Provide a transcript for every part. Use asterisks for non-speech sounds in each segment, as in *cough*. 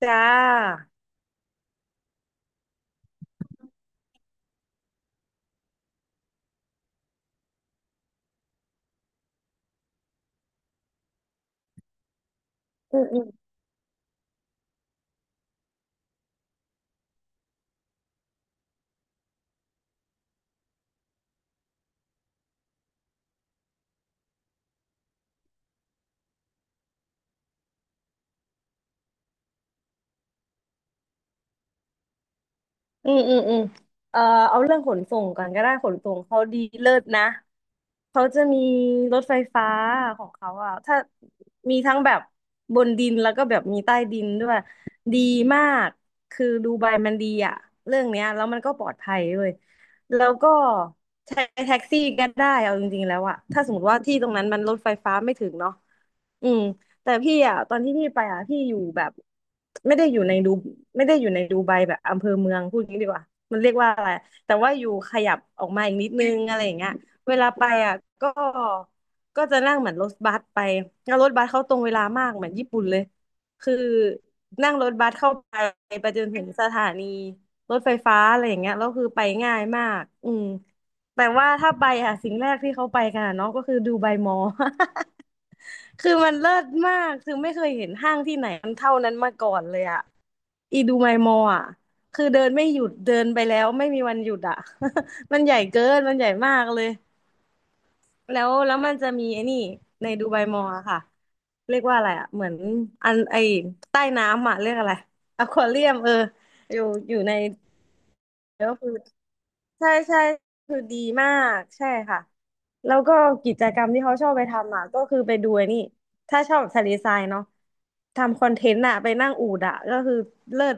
จ้าอืมอืมอืมเอ่อเอาเรื่องขนส่งก่อนก็ได้ขนส่งเขาดีเลิศนะ เขาจะมีรถไฟฟ้าของเขาอ่ะถ้ามีทั้งแบบบนดินแล้วก็แบบมีใต้ดินด้วยดีมากคือดูไบมันดีอ่ะเรื่องเนี้ยแล้วมันก็ปลอดภัยด้วยแล้วก็ใช้แท็กซี่ก็ได้เอาจริงๆแล้วอ่ะถ้าสมมติว่าที่ตรงนั้นมันรถไฟฟ้าไม่ถึงเนาะอืมแต่พี่อ่ะตอนที่พี่ไปอ่ะพี่อยู่แบบไม่ได้อยู่ในดูไม่ได้อยู่ในดูไบแบบอำเภอเมืองพูดงี้ดีกว่ามันเรียกว่าอะไรแต่ว่าอยู่ขยับออกมาอีกนิดนึงอะไรอย่างเงี้ย เวลาไปอ่ะก็จะนั่งเหมือนรถบัสไปแล้วรถบัสเขาตรงเวลามากเหมือนญี่ปุ่นเลยคือนั่งรถบัสเข้าไปไปจนถึงสถานีรถไฟฟ้าอะไรอย่างเงี้ยแล้วคือไปง่ายมากอืมแต่ว่าถ้าไปอ่ะสิ่งแรกที่เขาไปกันอะเนาะก็คือดูใบมอ *laughs* คือมันเลิศมากคือไม่เคยเห็นห้างที่ไหนมันเท่านั้นมาก่อนเลยอ่ะอีดูไบมอลอ่ะคือเดินไม่หยุดเดินไปแล้วไม่มีวันหยุดอ่ะ *laughs* มันใหญ่เกินมันใหญ่มากเลย แล้วมันจะมีไอ้นี่ในดูไบมอลอะค่ะเรียกว่าอะไรอะเหมือนอันไอใต้น้ำอะเรียกอะไรอควาเรียมเอออยู่อยู่ในก็คือใช่ใช่คือดีมากใช่ค่ะแล้วก็กิจกรรมที่เขาชอบไปทำอะก็คือไปดูไอ้นี่ถ้าชอบแบบทะเลทรายเนาะทำคอนเทนต์อะไปนั่งอูฐอะก็คือเลิศ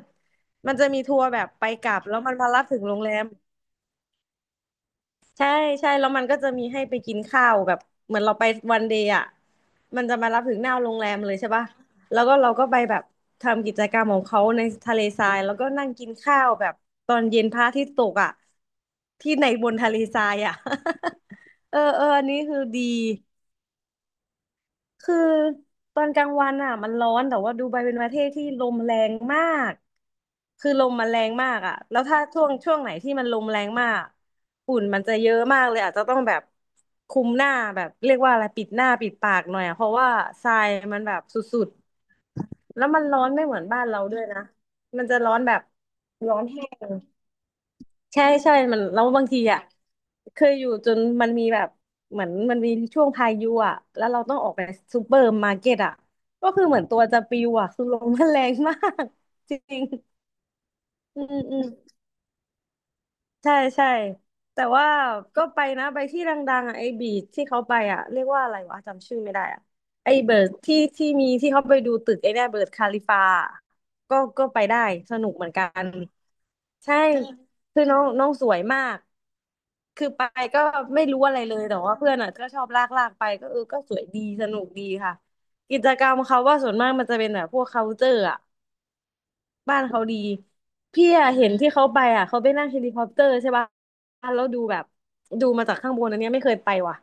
มันจะมีทัวร์แบบไปกลับแล้วมันมารับถึงโรงแรม ใช่ใช่แล้วมันก็จะมีให้ไปกินข้าวแบบเหมือนเราไปวันเดย์อ่ะมันจะมารับถึงหน้าโรงแรมเลยใช่ป่ะแล้วก็เราก็ไปแบบทำกิจกรรมของเขาในทะเลทรายแล้วก็นั่งกินข้าวแบบตอนเย็นพระอาทิตย์ตกอ่ะที่ในบนทะเลทรายอ่ะ *laughs* เออเอออันนี้คือดี คือตอนกลางวันอ่ะมันร้อนแต่ว่าดูไบเป็นประเทศที่ลมแรงมากคือลมมันแรงมากอ่ะแล้วถ้าช่วงไหนที่มันลมแรงมากฝุ่นมันจะเยอะมากเลยอาจจะต้องแบบคุมหน้าแบบเรียกว่าอะไรปิดหน้าปิดปากหน่อยอ่ะเพราะว่าทรายมันแบบสุดๆแล้วมันร้อนไม่เหมือนบ้านเราด้วยนะมันจะร้อนแบบร้อนแห้ง ใช่ใช่มันแล้วบางทีอ่ะเคยอยู่จนมันมีแบบเหมือนมันมีช่วงพายุอ่ะแล้วเราต้องออกไปซูเปอร์มาร์เก็ตอ่ะก็คือเหมือนตัวจะปลิวอ่ะคือลมมันแรงมาก *laughs* จริงอืมอืมใช่ใช่แต่ว่าก็ไปนะไปที่ดังๆอ่ะไอ้บีชที่เขาไปอ่ะเรียกว่าอะไรวะจำชื่อไม่ได้อ่ะไอ้เบิร์ดที่มีที่เขาไปดูตึกไอ้เนี่ยเบิร์ดคาลิฟาอะก็ไปได้สนุกเหมือนกัน ใช่คือน้องน้องสวยมากคือไปก็ไม่รู้อะไรเลย แต่ว่าเพื่อนอ่ะก็ชอบลากไปก็เออก็สวยดีสนุกดีค่ะกิจกรรมเขาว่าส่วนมากมันจะเป็นแบบพวก culture อ่ะบ้านเขาดีพี่อะเห็นที่เขาไปอ่ะเขาไปนั่งเฮลิคอปเตอร์ใช่ป่ะแล้วดูแบบดูมาจากข้างบนอันเนี้ยไม่เคยไปว่ะ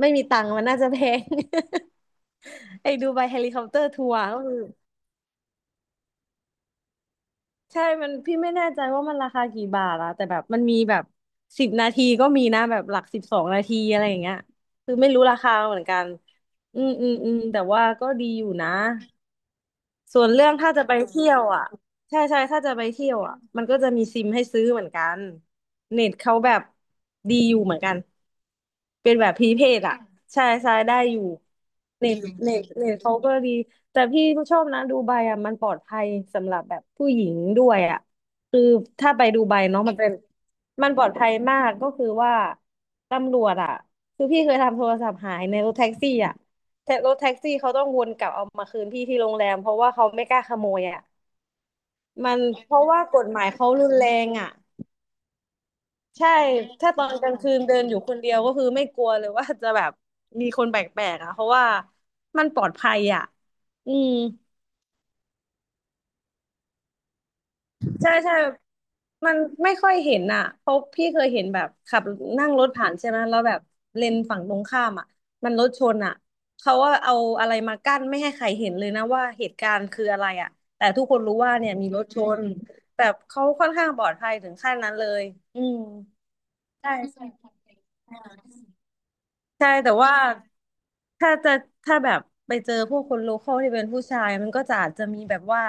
ไม่มีตังค์มันน่าจะแพง *laughs* ไอ้ดูไบเฮลิคอปเตอร์ทัวร์ก็คือ ใช่มันพี่ไม่แน่ใจว่ามันราคากี่บาทอะแต่แบบมันมีแบบสิบนาทีก็มีนะ แบบหลักสิบสองนาทีอะไรอย่างเงี้ยคือไม่รู้ราคาเหมือนกัน อืมอืมอืมแต่ว่าก็ดีอยู่นะ ส่วนเรื่องถ้าจะไปเที่ยวอ่ะ *laughs* ใช่ใช่ถ้าจะไปเที่ยวอ่ะมันก็จะมีซิมให้ซื้อเหมือนกัน เน็ตเขาแบบดีอยู่เหมือนกัน เป็นแบบพรีเพดอ่ะใช่ใช่ได้อยู่ เน็ตเน็ตเขาก็ดี แต่พี่ชอบนะดูไบอ่ะมันปลอดภัยสำหรับแบบผู้หญิงด้วยอ่ะคือถ้าไปดูไบเนาะมันเป็นมันปลอดภัยมากก็คือว่าตำรวจอ่ะคือพี่เคยทำโทรศัพท์หายในรถแท็กซี่อ่ะ แท็กรถแท็กซี่เขาต้องวนกลับเอามาคืนพี่ที่โรงแรมเพราะว่าเขาไม่กล้าขโมยอ่ะมันเพราะว่ากฎหมายเขารุนแรงอ่ะใช่ถ้าตอนกลางคืนเดินอยู่คนเดียวก็คือไม่กลัวเลยว่าจะแบบมีคนแปลกๆอ่ะเพราะว่ามันปลอดภัยอ่ะอืม ใช่ใช่มันไม่ค่อยเห็นอ่ะเพราะพี่เคยเห็นแบบขับนั่งรถผ่านใช่ไหมแล้วแบบเลนฝั่งตรงข้ามอ่ะมันรถชนอ่ะเขาว่าเอาอะไรมากั้นไม่ให้ใครเห็นเลยนะว่าเหตุการณ์คืออะไรอ่ะแต่ทุกคนรู้ว่าเนี่ยมีรถชนแบบเขาค่อนข้างปลอดภัยถึงขั้นนั้นเลยอืมใช่ใช่ ใช่แต่ว่าถ้าจะถ้าแบบไปเจอพวกคนโลคอลที่เป็นผู้ชายมันก็จะอาจจะมีแบบว่า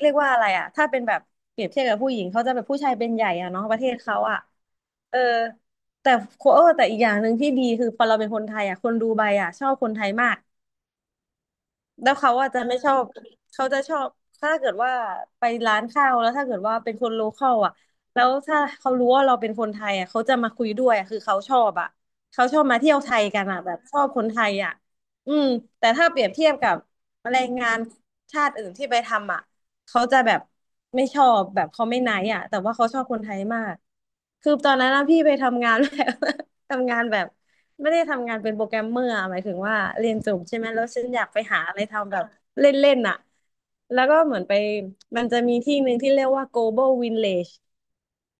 เรียกว่าอะไรอะถ้าเป็นแบบเปรียบเทียบกับผู้หญิงเขาจะแบบผู้ชายเป็นใหญ่อะเนาะประเทศเขาอะเออแต่โคเออแต่อีกอย่างหนึ่งที่ดีคือพอเราเป็นคนไทยอะคนดูไบอะชอบคนไทยมาก แล้วเขาอาจจะไม่ชอบเขาจะชอบถ้าเกิดว่าไปร้านข้าวแล้วถ้าเกิดว่าเป็นคนโลคอลอ่ะแล้วถ้าเขารู้ว่าเราเป็นคนไทยอ่ะเขาจะมาคุยด้วยอะคือเขาชอบอ่ะเขาชอบมาเที่ยวไทยกันอ่ะแบบชอบคนไทยอ่ะอืมแต่ถ้าเปรียบเทียบกับแรงงานชาติอื่นที่ไปทำอ่ะเขาจะแบบไม่ชอบแบบเขาไม่ไนท์อ่ะแต่ว่าเขาชอบคนไทยมากคือตอนนั้นนะพี่ไปทำงาน *laughs* แบบ *laughs* ทำงานแบบ ไม่ได้ทำงานเป็นโปรแกรมเมอร์อะหมายถึงว่าเรียนจบใช่ไหมแล้วฉันอยากไปหาอะไรทำแบบเล่นๆอ่ะแล้วก็เหมือนไปมันจะมีที่หนึ่งที่เรียกว่า Global Village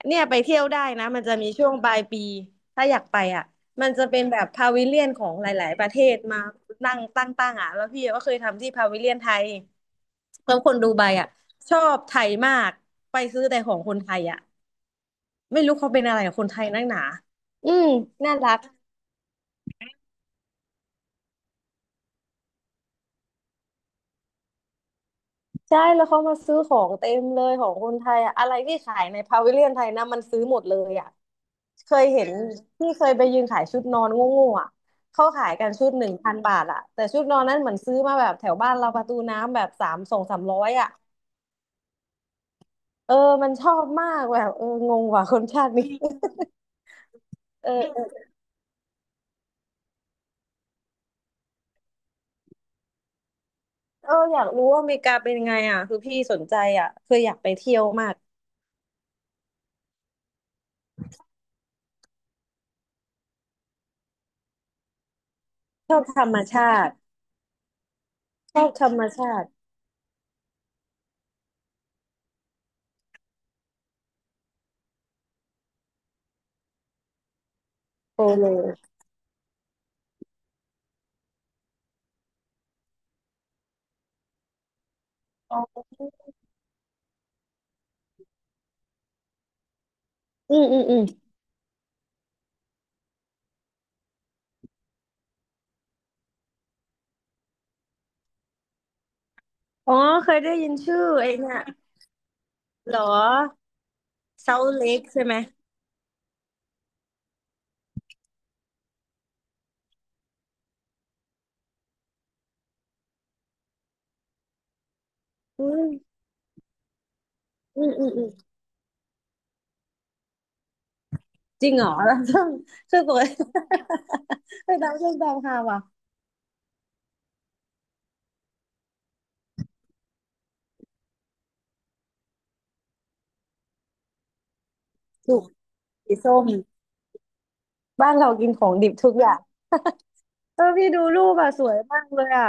เนี่ยไปเที่ยวได้นะมันจะมีช่วงปลายปีถ้าอยากไปอ่ะมันจะเป็นแบบพาวิเลียนของหลายๆประเทศมานั่งตั้งๆอ่ะแล้วพี่ก็เคยทำที่พาวิเลียนไทยแล้วคนดูไบอ่ะชอบไทยมากไปซื้อแต่ของคนไทยอ่ะไม่รู้เขาเป็นอะไรกับคนไทยนักหนาอืมน่ารัก ใช่แล้วเขามาซื้อของเต็มเลยของคนไทยอะอะไรที่ขายในพาวิเลียนไทยนะมันซื้อหมดเลยอ่ะเคยเห็นที่เคยไปยืนขายชุดนอนโง่ๆอ่ะเขาขายกันชุด1,000 บาทอ่ะแต่ชุดนอนนั้นเหมือนซื้อมาแบบแถวบ้านเราประตูน้ำแบบ3 2-300อ่ะเออมันชอบมากแบบเอองงว่ะคนชาตินี้ *laughs* เออเออเอออยากรู้ว่าอเมริกาเป็นไงอ่ะคือพี่สนใจอ่ะคืออยากไปเที่ยวมากชอบธรรมชาติชอบธรรมชาติโปโลอืมอืมอืม อ๋อเคยได้ยินชื่อไอ้เนี่ยเหรอเซาเล็กใช่ไหมอืมอืมอืมอืมจริงเหรอแล้ว *laughs* ช่อ *laughs* งช่องตัว *laughs* ไปตามช่องตามค่ะว่ะถูกสีส้มบ้านเรากินของดิบทุกอย่างเออพี่ดูรูปอ่ะสวยมากเลยอ่ะ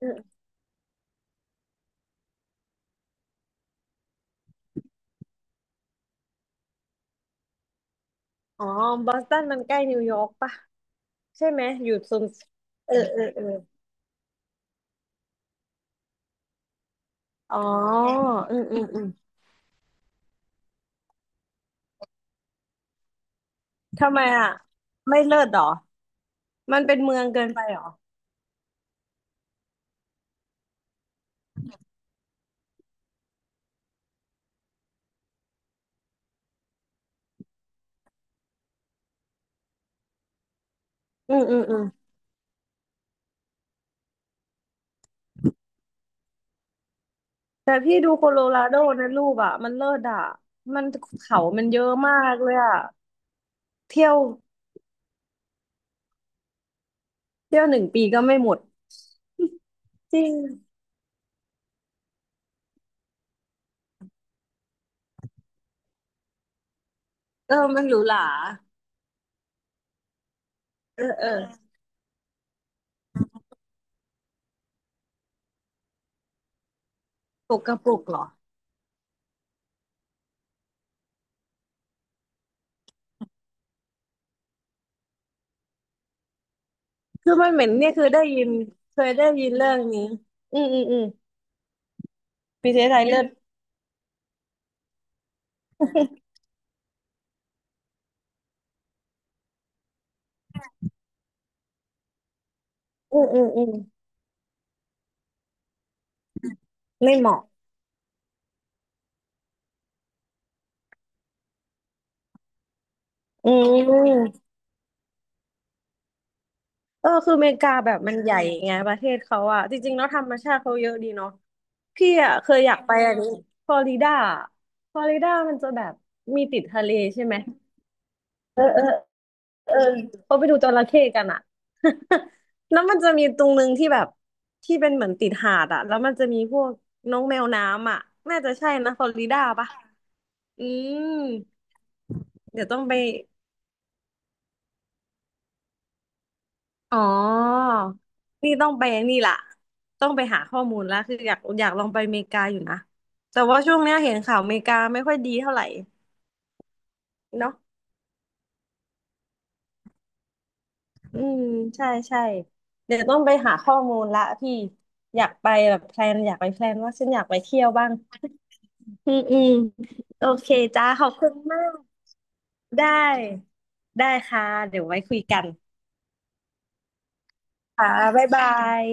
อืมอ๋อบอสตันมันใกล้นิวยอร์กปะใช่ไหมอยู่โซนเออเออเอออ๋ออืมอืมอืมทำไมอ่ะไม่เลิศเหรอ มันเป็นเมืองเกินไปเหรออืมอืมอืม แต่พี่ดูโคโลราโดนะรูปอ่ะมันเลิศอ่ะมันเขามันเยอะมากเลยอ่ะเที่ยวเที่ยวหนึ่งปีก็ไม่หมดจริงเออมันหรูหราเออเออปกกระปุกเหรอคือมันเหม็นเนี่ยคือได้ยินเคยได้ยินเรื่องนี้อืมอืมอืมมีเทสไทยเลิศอืมอืมอืมไม่เหมาะอืมเออคืออเมริกาแบบมันใหญ่ไงประเทศเขาอ่ะจริงๆแล้วธรรมชาติเขาเยอะดีเนาะ พี่อ่ะเคยอยากไปอันนี้ฟลอริดาฟลอริดามันจะแบบมีติดทะเลใช่ไหมเออเออเออเขาไปดูจระเข้กันอ่ะ *laughs* แล้วมันจะมีตรงนึงที่แบบที่เป็นเหมือนติดหาดอ่ะแล้วมันจะมีพวกน้องแมวน้ำอ่ะน่าจะใช่นะฟลอริดาปะอืมเดี๋ยวต้องไปอ๋อนี่ต้องไปนี่ล่ะต้องไปหาข้อมูลแล้วคืออยากอยากลองไปอเมริกาอยู่นะแต่ว่าช่วงเนี้ยเห็นข่าวอเมริกาไม่ค่อยดีเท่าไหร่เนาะ อืมใช่ใช่เดี๋ยวต้องไปหาข้อมูลละพี่อยากไปแบบแพลนอยากไปแพลนว่าฉันอยากไปเที่ยวบ้างอืมอืมโอเคจ้าขอบคุณมากได้ได้ค่ะเดี๋ยวไว้คุยกันค่ะบ๊ายบาย